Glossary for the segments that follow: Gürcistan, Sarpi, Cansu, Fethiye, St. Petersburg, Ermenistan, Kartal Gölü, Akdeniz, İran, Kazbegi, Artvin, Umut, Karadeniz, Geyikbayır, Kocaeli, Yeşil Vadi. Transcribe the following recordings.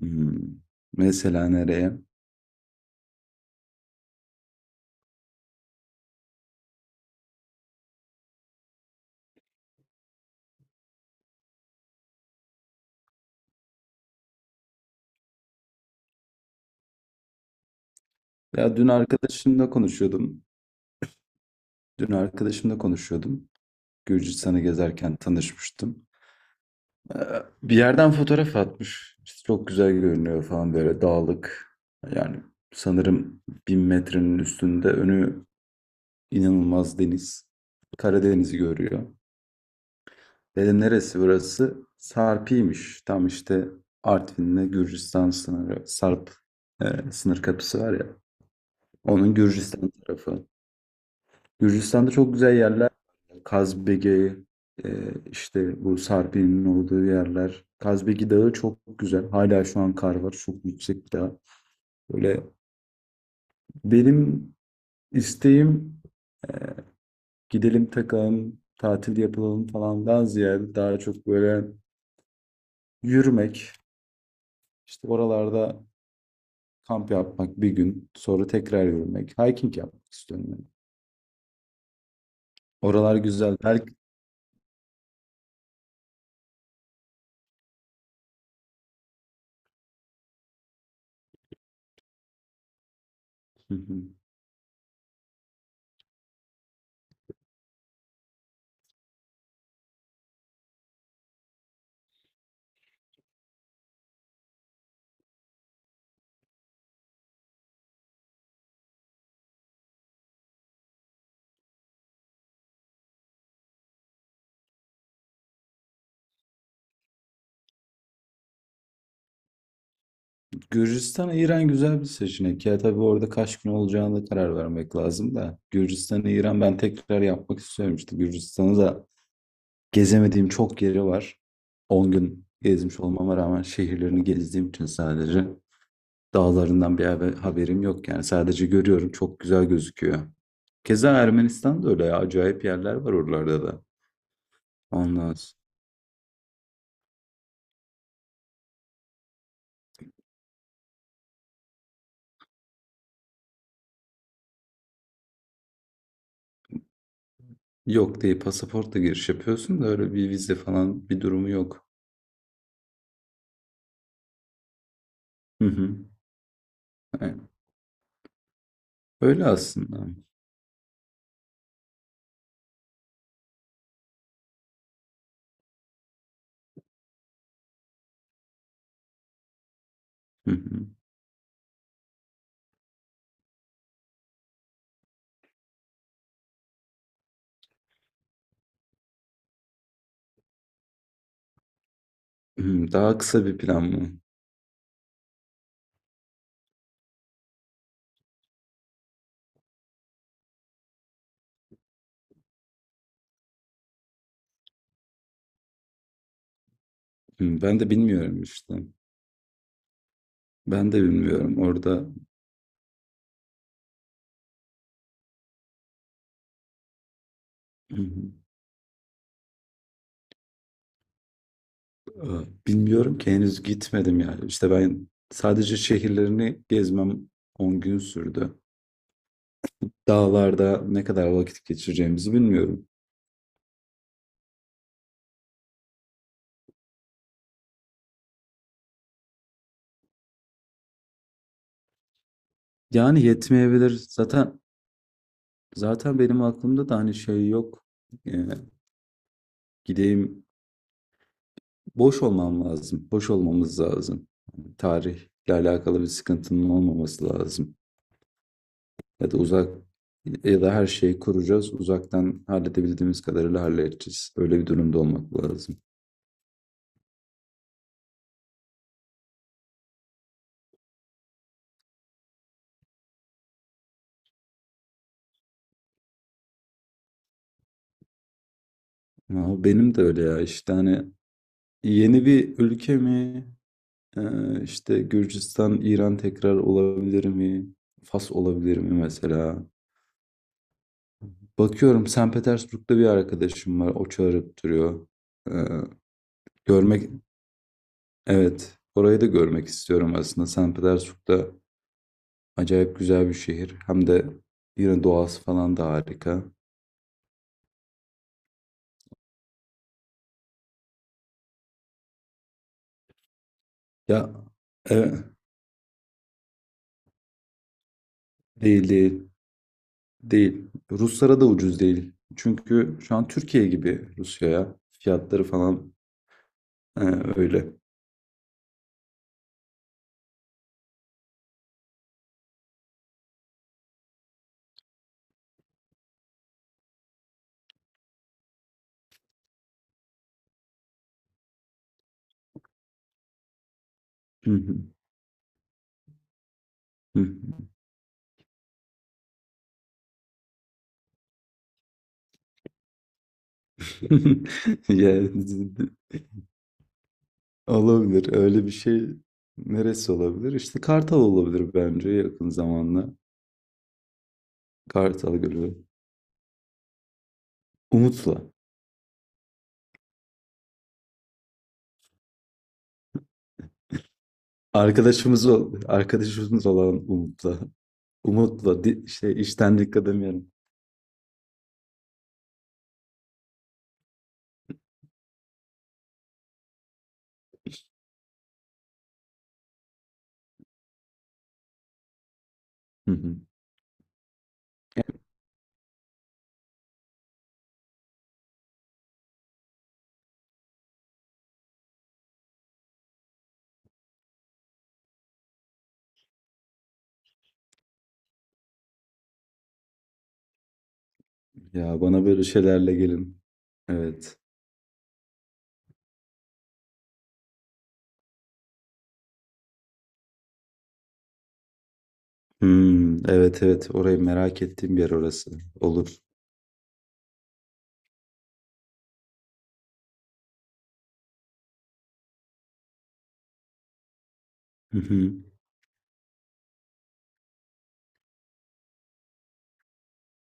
Hmm. Mesela nereye? Ya dün arkadaşımla konuşuyordum. Dün arkadaşımla konuşuyordum. Gürcistan'ı gezerken tanışmıştım. Ee, Bir yerden fotoğraf atmış. İşte çok güzel görünüyor falan böyle dağlık. Yani sanırım 1000 metrenin üstünde önü inanılmaz deniz. Karadeniz'i görüyor. Dedim neresi burası? Sarpi'ymiş. Tam işte Artvin'le Gürcistan sınırı. Sarp sınır kapısı var ya. Onun Gürcistan tarafı. Gürcistan'da çok güzel yerler var. Yani Kazbege, e, işte bu Sarpi'nin olduğu yerler. Kazbegi Dağı çok güzel. Hala şu an kar var. Çok yüksek bir dağ. Böyle benim isteğim, e, gidelim takalım, tatil yapılalım falandan ziyade daha çok böyle yürümek, işte oralarda kamp yapmak bir gün, sonra tekrar yürümek, hiking yapmak istiyorum ben. Oralar güzel. Belki... Gürcistan, İran güzel bir seçenek. Ya tabii orada kaç gün olacağına da karar vermek lazım da. Gürcistan, İran ben tekrar yapmak istiyorum. İşte Gürcistan'ı da gezemediğim çok yeri var. 10 gün gezmiş olmama rağmen şehirlerini gezdiğim için sadece dağlarından bir haberim yok. Yani sadece görüyorum, çok güzel gözüküyor. Keza Ermenistan da öyle ya. Acayip yerler var oralarda da. Ondan s- Yok diye pasaportla giriş yapıyorsun da öyle bir vize falan bir durumu yok. Hı hı. Yani öyle aslında. Hı hı. Hımm, daha kısa bir plan mı? Hımm, ben de bilmiyorum işte. Ben de bilmiyorum orada. Hı hı. Aaa, bilmiyorum ki henüz gitmedim yani. İşte ben sadece şehirlerini gezmem 10 gün sürdü. Dağlarda ne kadar vakit geçireceğimizi bilmiyorum. Yani yetmeyebilir. Zaten benim aklımda da hani şey yok. Eee, gideyim, boş olmam lazım. Boş olmamız lazım. Hani tarihle alakalı bir sıkıntının olmaması lazım. Ya da uzak, ya da her şeyi kuracağız. Uzaktan halledebildiğimiz kadarıyla halledeceğiz. Öyle bir durumda olmak lazım. Ama benim de öyle ya işte hani yeni bir ülke mi? İşte Gürcistan, İran tekrar olabilir mi? Fas olabilir mi mesela? Bakıyorum, St. Petersburg'da bir arkadaşım var. O çağırıp duruyor. Ee, görmek, evet. Orayı da görmek istiyorum aslında. St. Petersburg'da acayip güzel bir şehir. Hem de yine doğası falan da harika. Ya evet, değil değil. Değil. Ruslara da ucuz değil. Çünkü şu an Türkiye gibi Rusya'ya. Fiyatları falan e, öyle. Ya, olabilir. Öyle bir şey, neresi olabilir? İşte Kartal olabilir bence yakın zamanda. Kartal Gölü. Umut'la. Arkadaşımız olan Umut'la. Şey, işten dikkat demiyorum. Hı hı. Ya bana böyle şeylerle gelin. Evet. Hmm, evet evet, orayı merak ettiğim bir yer orası. Olur. Hı hı.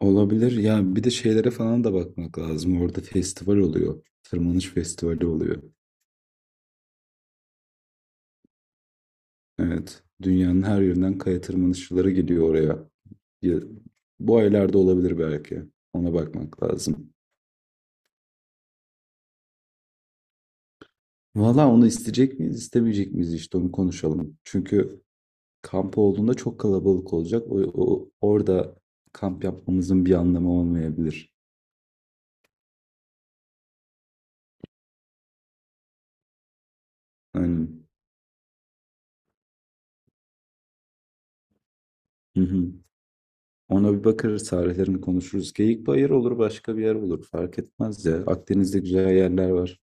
Olabilir. Ya bir de şeylere falan da bakmak lazım. Orada festival oluyor. Tırmanış festivali oluyor. Evet. Dünyanın her yerinden kaya tırmanışçıları geliyor oraya. Ya- bu aylarda olabilir belki. Ona bakmak lazım. Valla onu isteyecek miyiz, istemeyecek miyiz, işte onu konuşalım. Çünkü kamp olduğunda çok kalabalık olacak. O, orada kamp yapmamızın bir anlamı olmayabilir. Aynen. Hı hı. Ona bir bakarız, tarihlerini konuşuruz. Geyikbayır olur, başka bir yer olur. Fark etmez ya. Akdeniz'de güzel yerler var.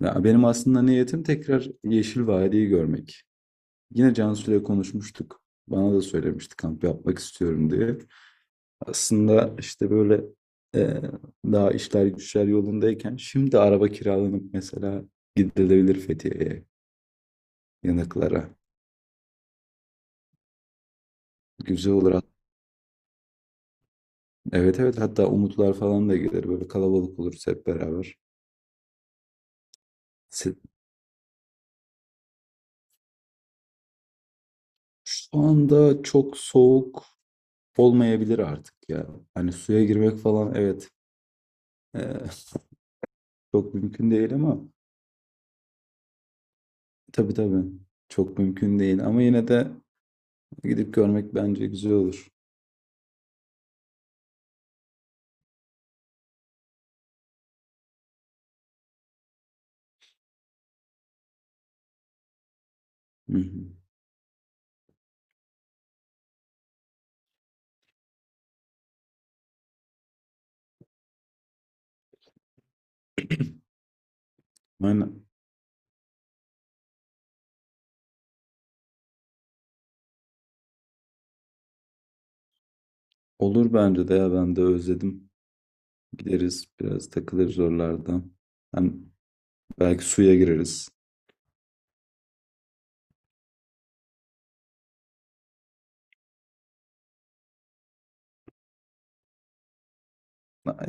Ya benim aslında niyetim tekrar Yeşil Vadi'yi görmek. Yine Cansu'yla konuşmuştuk. Bana da söylemişti kamp yapmak istiyorum diye. Aslında işte böyle, e, daha işler güçler yolundayken şimdi araba kiralanıp mesela gidilebilir Fethiye'ye, yanıklara. Güzel olur. Evet evet, hatta Umutlar falan da gelir. Böyle kalabalık oluruz hep beraber. Se- şu anda çok soğuk olmayabilir artık ya. Hani suya girmek falan, evet, e, çok mümkün değil ama tabii tabii çok mümkün değil. Ama yine de gidip görmek bence güzel olur. Hı hı. Aynen. Olur bence de ya, ben de özledim. Gideriz, biraz takılırız oralarda. Hani belki suya gireriz.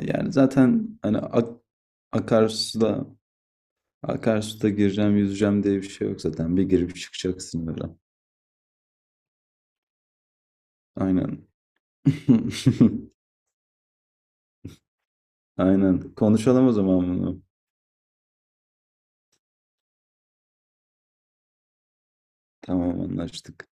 Yani zaten hani akarsuda gireceğim yüzeceğim diye bir şey yok zaten. Bir girip çıkacaksın öyle. Aynen. Aynen. Konuşalım o zaman bunu. Tamam, anlaştık.